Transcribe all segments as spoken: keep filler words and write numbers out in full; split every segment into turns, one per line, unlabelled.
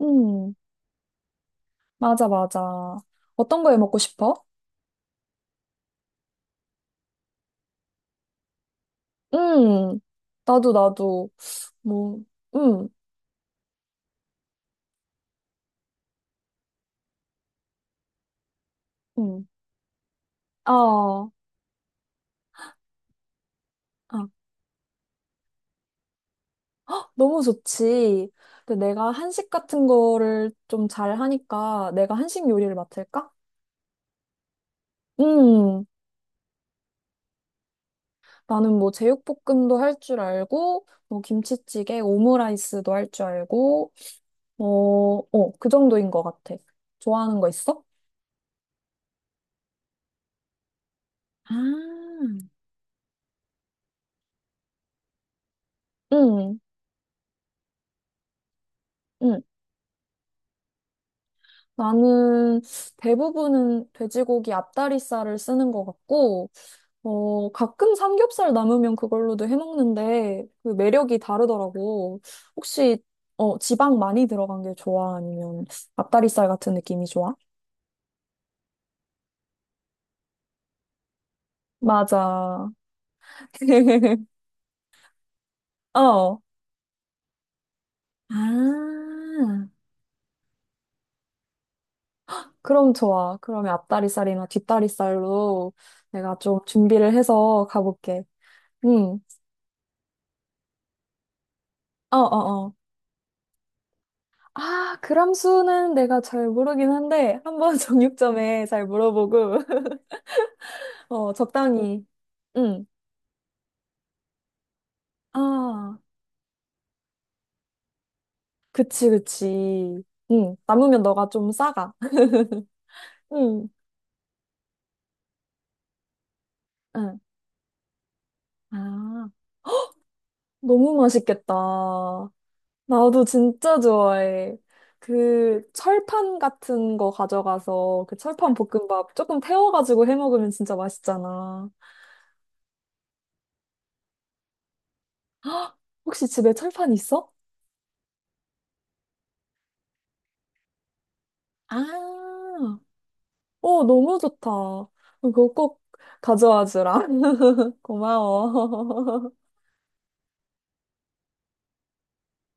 음, 맞아, 맞아. 어떤 거 해 먹고 싶어? 음, 나도, 나도, 뭐, 음, 음, 아, 아, 너무 좋지. 근데 내가 한식 같은 거를 좀 잘 하니까 내가 한식 요리를 맡을까? 음, 나는 뭐 제육볶음도 할 줄 알고, 뭐 김치찌개, 오므라이스도 할 줄 알고, 어, 어, 그 정도인 것 같아. 좋아하는 거 있어? 아, 응, 응. 나는 대부분은 돼지고기 앞다리살을 쓰는 것 같고, 어, 가끔 삼겹살 남으면 그걸로도 해먹는데, 그 매력이 다르더라고. 혹시, 어, 지방 많이 들어간 게 좋아? 아니면 앞다리살 같은 느낌이 좋아? 맞아. 어. 아, 그럼 좋아. 그러면 앞다리살이나 뒷다리살로 내가 좀 준비를 해서 가볼게. 응. 어어어. 아, 그람 수는 내가 잘 모르긴 한데, 한번 정육점에 잘 물어보고, 어, 적당히. 응. 아, 그치, 그치. 응. 남으면 너가 좀 싸가. 응. 응. 아, 너무 맛있겠다. 나도 진짜 좋아해. 그 철판 같은 거 가져가서 그 철판 볶음밥 조금 태워가지고 해 먹으면 진짜 맛있잖아. 혹시 집에 철판 있어? 아, 어, 너무 좋다. 그거 꼭 가져와 주라. 고마워.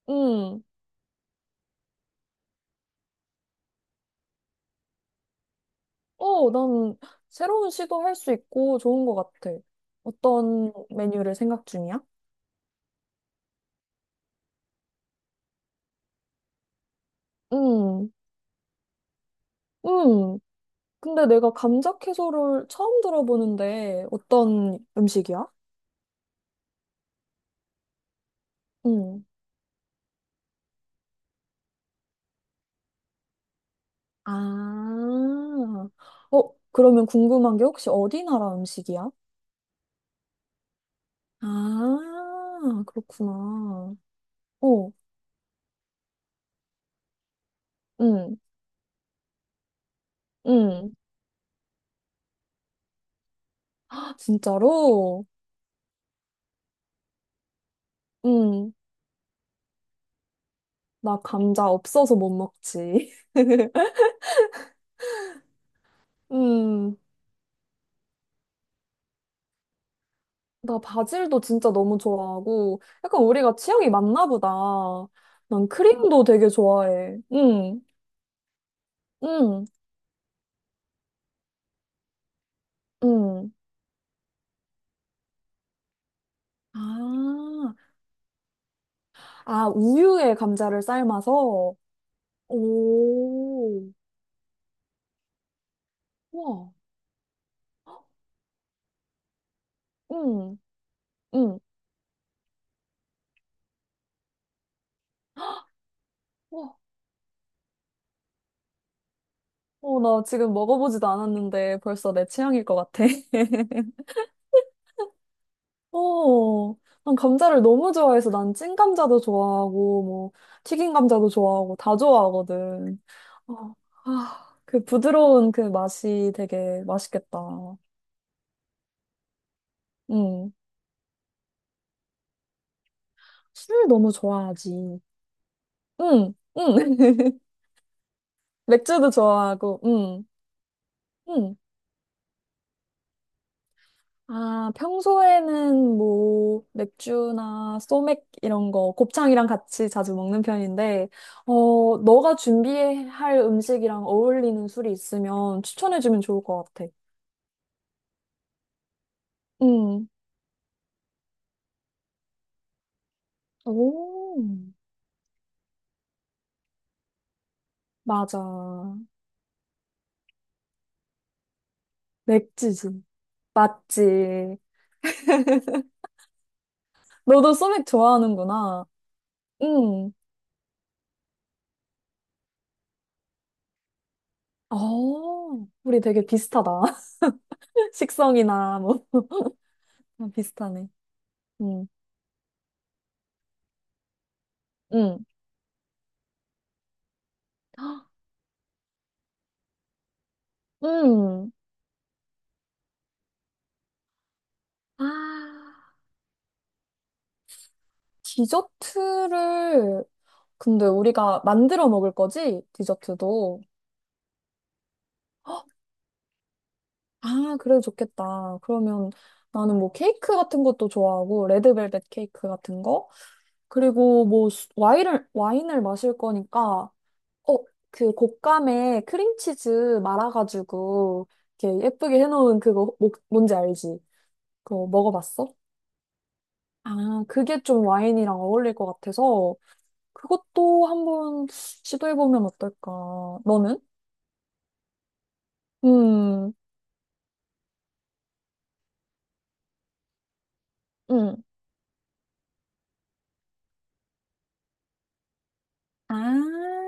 응. 어, 난 새로운 시도 할 수 있고 좋은 것 같아. 어떤 메뉴를 생각 중이야? 응. 응. 근데 내가 감자 채소를 처음 들어보는데 어떤 음식이야? 응. 아. 어, 그러면 궁금한 게 혹시 어디 나라 음식이야? 아, 그렇구나. 어, 응. 응. 진짜로? 음, 나 감자 없어서 못 먹지. 음, 나 바질도 진짜 너무 좋아하고, 약간 우리가 취향이 맞나 보다. 난 크림도 되게 좋아해. 음, 음, 음. 아, 아, 우유에 감자를 삶아서? 오, 와, 음, 음, 와. 어, 나 지금 먹어보지도 않았는데 벌써 내 취향일 것 같아. 어, 난 감자를 너무 좋아해서 난 찐감자도 좋아하고, 뭐, 튀긴 감자도 좋아하고, 다 좋아하거든. 어, 아, 그 부드러운 그 맛이 되게 맛있겠다. 응. 술 너무 좋아하지. 응, 응. 맥주도 좋아하고, 응, 응. 아, 평소에는 뭐 맥주나 소맥 이런 거 곱창이랑 같이 자주 먹는 편인데, 어, 너가 준비할 음식이랑 어울리는 술이 있으면 추천해주면 좋을 것 같아. 응. 오, 맞아. 맥주지. 맞지. 너도 소맥 좋아하는구나. 응. 어, 우리 되게 비슷하다. 식성이나 뭐 아, 비슷하네. 응. 응. 응. 아. 디저트를 근데 우리가 만들어 먹을 거지? 디저트도. 아, 그래 좋겠다. 그러면 나는 뭐 케이크 같은 것도 좋아하고 레드벨벳 케이크 같은 거 그리고 뭐 수- 와인을 와인을 마실 거니까 어, 그 곶감에 크림치즈 말아가지고 이렇게 예쁘게 해놓은 그거 뭐- 뭔지 알지? 그거 먹어봤어? 아, 그게 좀 와인이랑 어울릴 것 같아서 그것도 한번 시도해보면 어떨까? 너는? 음, 음. 아,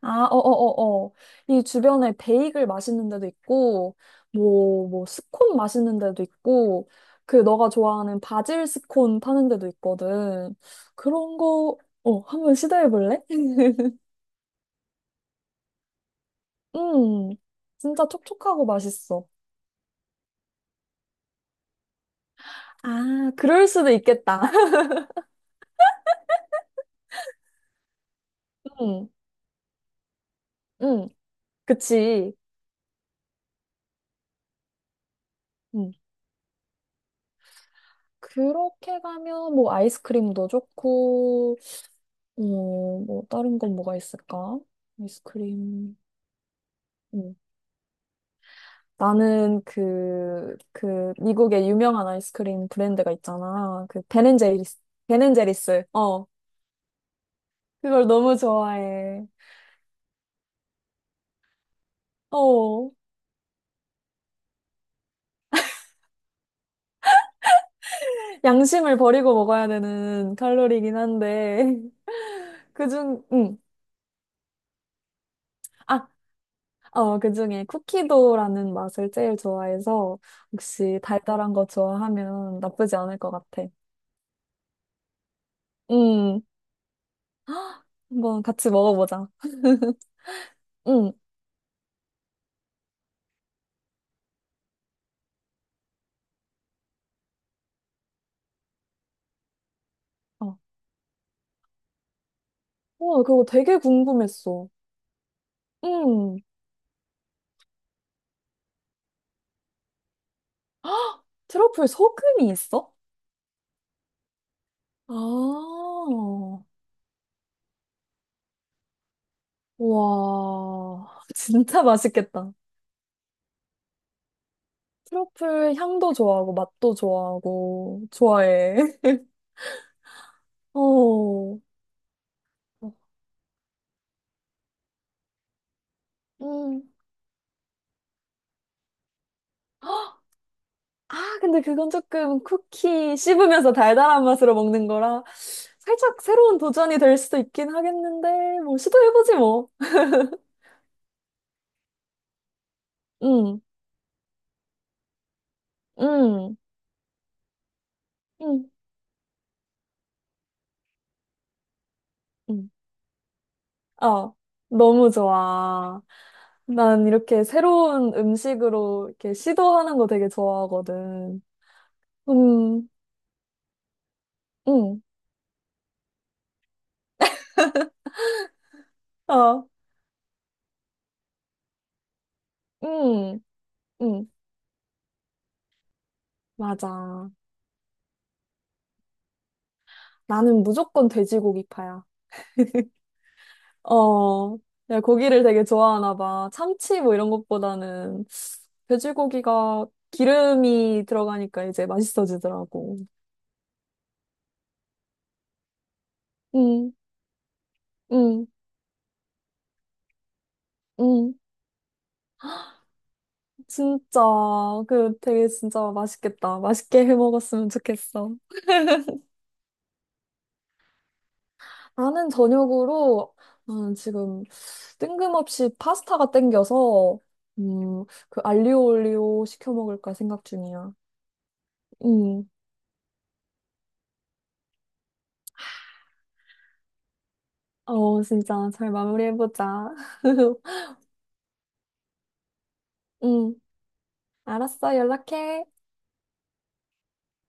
아, 어어어어. 이 주변에 베이글 맛있는 데도 있고, 뭐, 뭐, 스콘 맛있는 데도 있고, 그 너가 좋아하는 바질 스콘 파는 데도 있거든. 그런 거, 어, 한번 시도해볼래? 음, 진짜 촉촉하고 맛있어. 아, 그럴 수도 있겠다. 음, 음, 그치. 그렇게 가면 뭐 아이스크림도 좋고, 어, 뭐 다른 건 뭐가 있을까? 아이스크림. 음. 나는 그, 그 미국의 유명한 아이스크림 브랜드가 있잖아. 그 베 n 제리스베 n 제리스 어, 그걸 너무 좋아해. 어, 양심을 버리고 먹어야 되는 칼로리긴 한데 그중, 음. 어, 그중에 쿠키도라는 맛을 제일 좋아해서 혹시 달달한 거 좋아하면 나쁘지 않을 것 같아. 음, 한번 같이 먹어보자. 음, 어. 와, 그거 되게 궁금했어. 음, 트러플 소금이 있어? 아, 와, 진짜 맛있겠다. 트러플 향도 좋아하고 맛도 좋아하고 좋아해. 어, 음. 아, 근데 그건 조금 쿠키 씹으면서 달달한 맛으로 먹는 거라 살짝 새로운 도전이 될 수도 있긴 하겠는데, 뭐, 시도해보지 뭐. 응, 응, 응, 응. 어, 너무 좋아. 난 이렇게 새로운 음식으로 이렇게 시도하는 거 되게 좋아하거든. 음, 응, 어, 응, 응, 맞아. 나는 무조건 돼지고기파야. 어, 야, 고기를 되게 좋아하나 봐. 참치 뭐 이런 것보다는 돼지고기가 기름이 들어가니까 이제 맛있어지더라고. 응, 응, 응. 진짜, 그 되게 진짜 맛있겠다. 맛있게 해 먹었으면 좋겠어. 나는 저녁으로 음, 지금 뜬금없이 파스타가 땡겨서 음, 그 알리오 올리오 시켜 먹을까 생각 중이야. 음. 어, 진짜 잘 마무리해보자. 음. 알았어, 연락해.